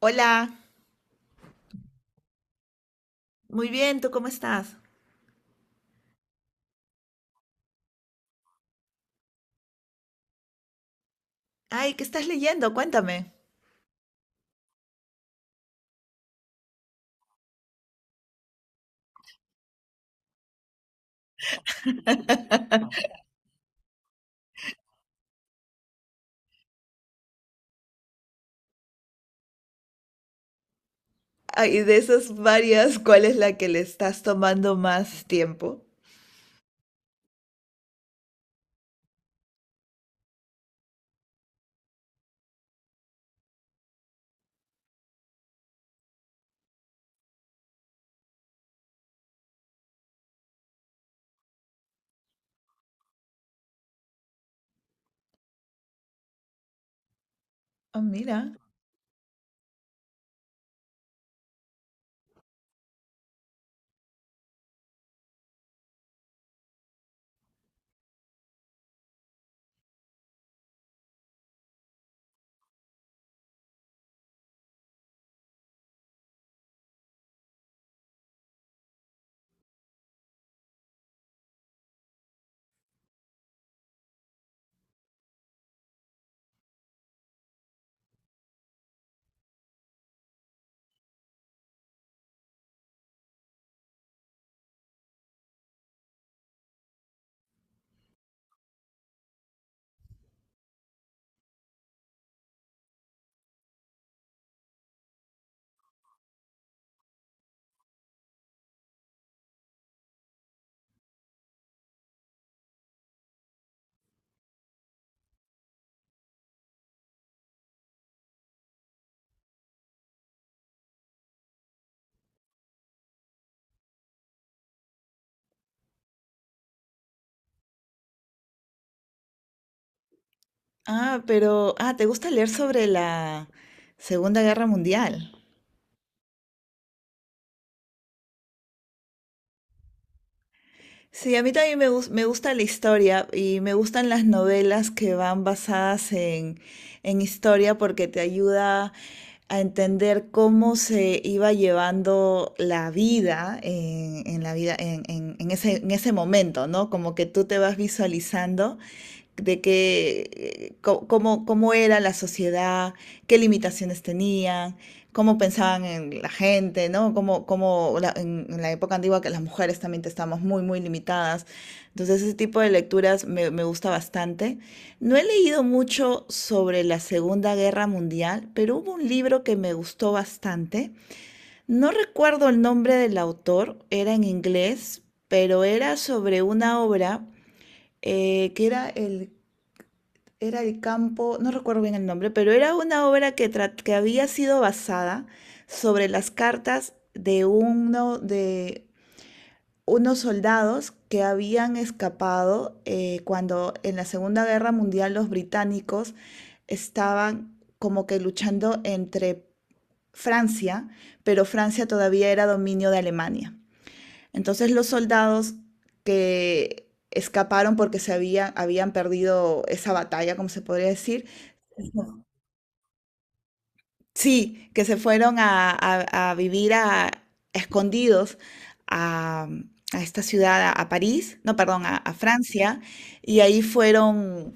Hola, muy bien, ¿tú cómo estás? Ay, ¿qué estás leyendo? Cuéntame. Ay, de esas varias, ¿cuál es la que le estás tomando más tiempo? Ah, mira. Ah, pero, ¿te gusta leer sobre la Segunda Guerra Mundial? Sí, a mí también me gusta la historia y me gustan las novelas que van basadas en historia porque te ayuda a entender cómo se iba llevando la vida en la vida en ese momento, ¿no? Como que tú te vas visualizando de cómo, cómo era la sociedad, qué limitaciones tenían, cómo pensaban en la gente, ¿no? Cómo, en la época antigua que las mujeres también estábamos muy, muy limitadas. Entonces, ese tipo de lecturas me gusta bastante. No he leído mucho sobre la Segunda Guerra Mundial, pero hubo un libro que me gustó bastante. No recuerdo el nombre del autor, era en inglés, pero era sobre una obra que era el campo, no recuerdo bien el nombre, pero era una obra que había sido basada sobre las cartas de uno de unos soldados que habían escapado cuando en la Segunda Guerra Mundial los británicos estaban como que luchando entre Francia, pero Francia todavía era dominio de Alemania. Entonces los soldados que escaparon porque habían perdido esa batalla, como se podría decir. Sí, que se fueron a vivir a, escondidos a, a esta ciudad, a París, no, perdón, a Francia, y ahí fueron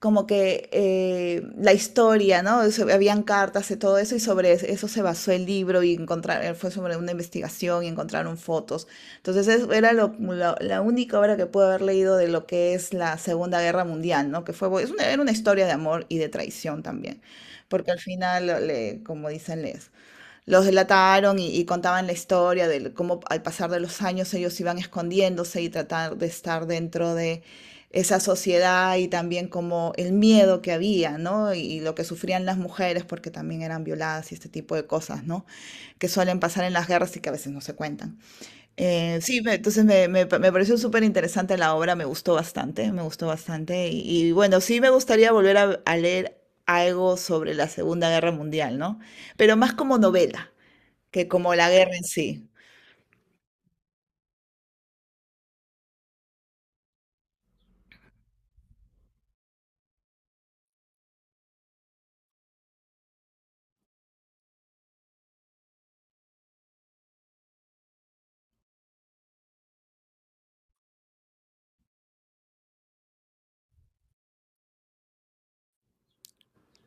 como que la historia, ¿no? Habían cartas y todo eso, y eso se basó el libro y encontrar, fue sobre una investigación y encontraron fotos. Entonces la única obra que pude haber leído de lo que es la Segunda Guerra Mundial, ¿no? Es era una historia de amor y de traición también. Porque al final, como dicen, les, los delataron y contaban la historia de cómo al pasar de los años ellos iban escondiéndose y tratar de estar dentro de esa sociedad y también como el miedo que había, ¿no? Y lo que sufrían las mujeres porque también eran violadas y este tipo de cosas, ¿no? Que suelen pasar en las guerras y que a veces no se cuentan. Entonces me pareció súper interesante la obra, me gustó bastante, me gustó bastante. Y bueno, sí me gustaría volver a leer algo sobre la Segunda Guerra Mundial, ¿no? Pero más como novela que como la guerra en sí.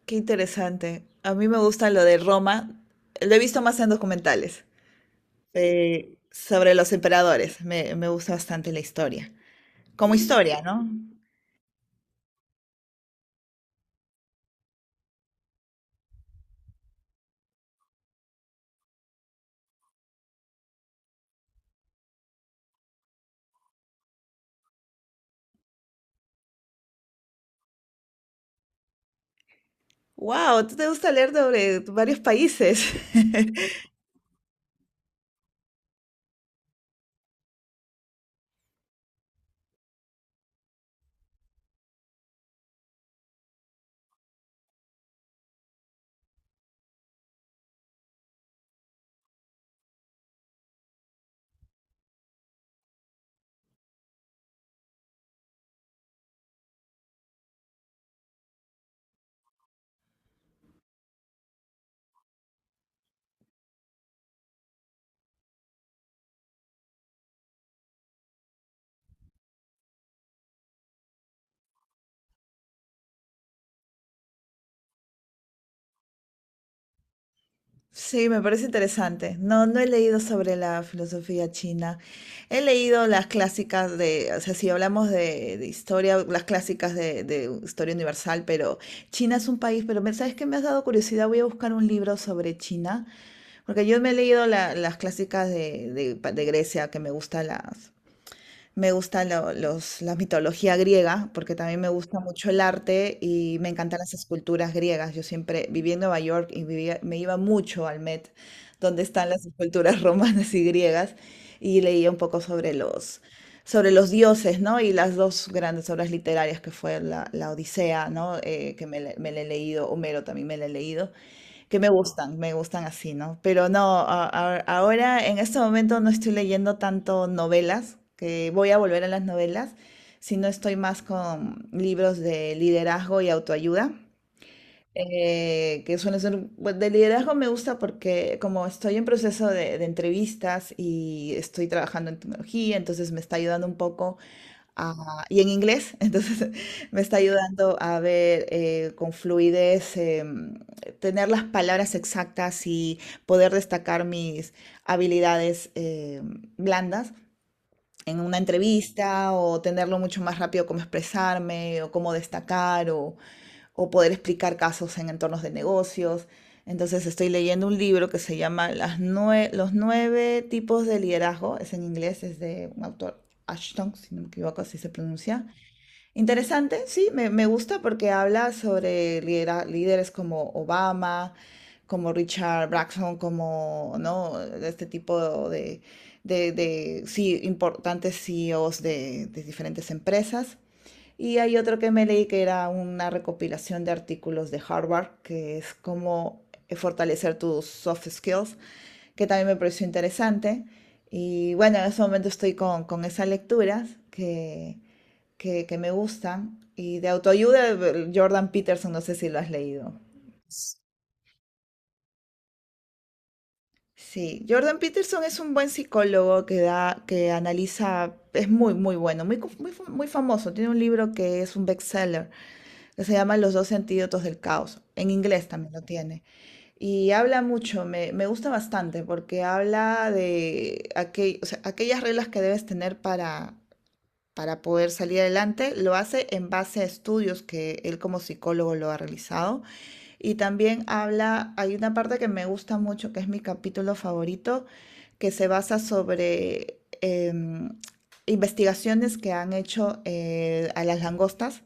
Qué interesante. A mí me gusta lo de Roma, lo he visto más en documentales, sobre los emperadores. Me gusta bastante la historia. Como historia, ¿no? Wow, ¿tú te gusta leer sobre varios países? Sí, me parece interesante. No, no he leído sobre la filosofía china. He leído las clásicas de, o sea, si hablamos de historia, las clásicas de historia universal, pero China es un país, pero ¿sabes qué? Me has dado curiosidad, voy a buscar un libro sobre China, porque yo me he leído las clásicas de Grecia, que me gustan me gusta la mitología griega, porque también me gusta mucho el arte y me encantan las esculturas griegas. Yo siempre viví en Nueva York y me iba mucho al Met, donde están las esculturas romanas y griegas, y leía un poco sobre sobre los dioses, ¿no? Y las dos grandes obras literarias que fue la Odisea, ¿no? Me la he leído, Homero también me la he leído, que me gustan así, ¿no? Pero no, ahora en este momento no estoy leyendo tanto novelas, que voy a volver a las novelas, sino estoy más con libros de liderazgo y autoayuda, que suelen ser, bueno, de liderazgo me gusta porque como estoy en proceso de entrevistas y estoy trabajando en tecnología, entonces me está ayudando un poco. Ah, y en inglés, entonces me está ayudando a ver con fluidez, em, tener las palabras exactas y poder destacar mis habilidades em, blandas en una entrevista o tenerlo mucho más rápido cómo expresarme o cómo destacar o poder explicar casos en entornos de negocios. Entonces estoy leyendo un libro que se llama Los nueve tipos de liderazgo, es en inglés, es de un autor, Ashton, si no me equivoco, así se pronuncia. Interesante, sí, me gusta porque habla sobre líderes como Obama, como Richard Branson, como, ¿no? Este tipo sí, importantes CEOs de diferentes empresas. Y hay otro que me leí que era una recopilación de artículos de Harvard, que es cómo fortalecer tus soft skills, que también me pareció interesante. Y bueno, en este momento estoy con esas lecturas que me gustan. Y de autoayuda, Jordan Peterson, no sé si lo has leído. Sí, Jordan Peterson es un buen psicólogo que analiza, es muy, muy bueno, muy famoso. Tiene un libro que es un bestseller, que se llama Los dos antídotos del caos. En inglés también lo tiene. Y habla mucho, me gusta bastante, porque habla de o sea, aquellas reglas que debes tener para poder salir adelante. Lo hace en base a estudios que él como psicólogo lo ha realizado. Y también habla, hay una parte que me gusta mucho, que es mi capítulo favorito, que se basa sobre em, investigaciones que han hecho a las langostas,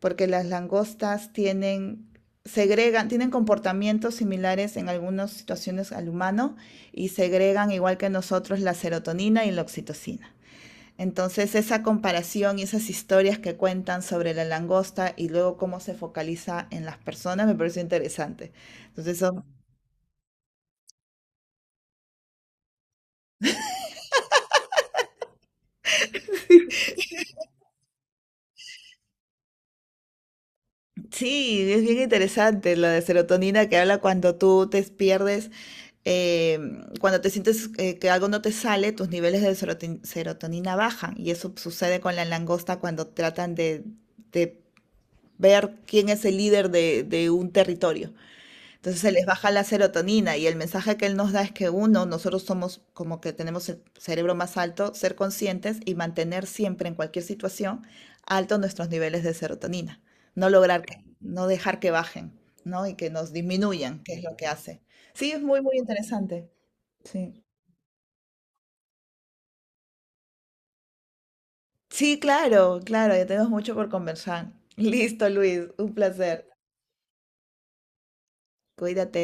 porque las langostas tienen, segregan, tienen comportamientos similares en algunas situaciones al humano y segregan, igual que nosotros, la serotonina y la oxitocina. Entonces, esa comparación y esas historias que cuentan sobre la langosta y luego cómo se focaliza en las personas me pareció interesante. Entonces, sí, es bien interesante lo de serotonina que habla cuando tú te pierdes, eh, cuando te sientes que algo no te sale, tus niveles de serotonina bajan. Y eso sucede con la langosta cuando tratan de ver quién es el líder de un territorio. Entonces se les baja la serotonina y el mensaje que él nos da es que uno, nosotros somos como que tenemos el cerebro más alto, ser conscientes y mantener siempre en cualquier situación altos nuestros niveles de serotonina. No lograr que, no dejar que bajen, ¿no? Y que nos disminuyan, que es lo que hace. Sí, es muy, muy interesante. Sí. Sí, claro, claro, ya tenemos mucho por conversar. Listo, Luis, un placer. Cuídate.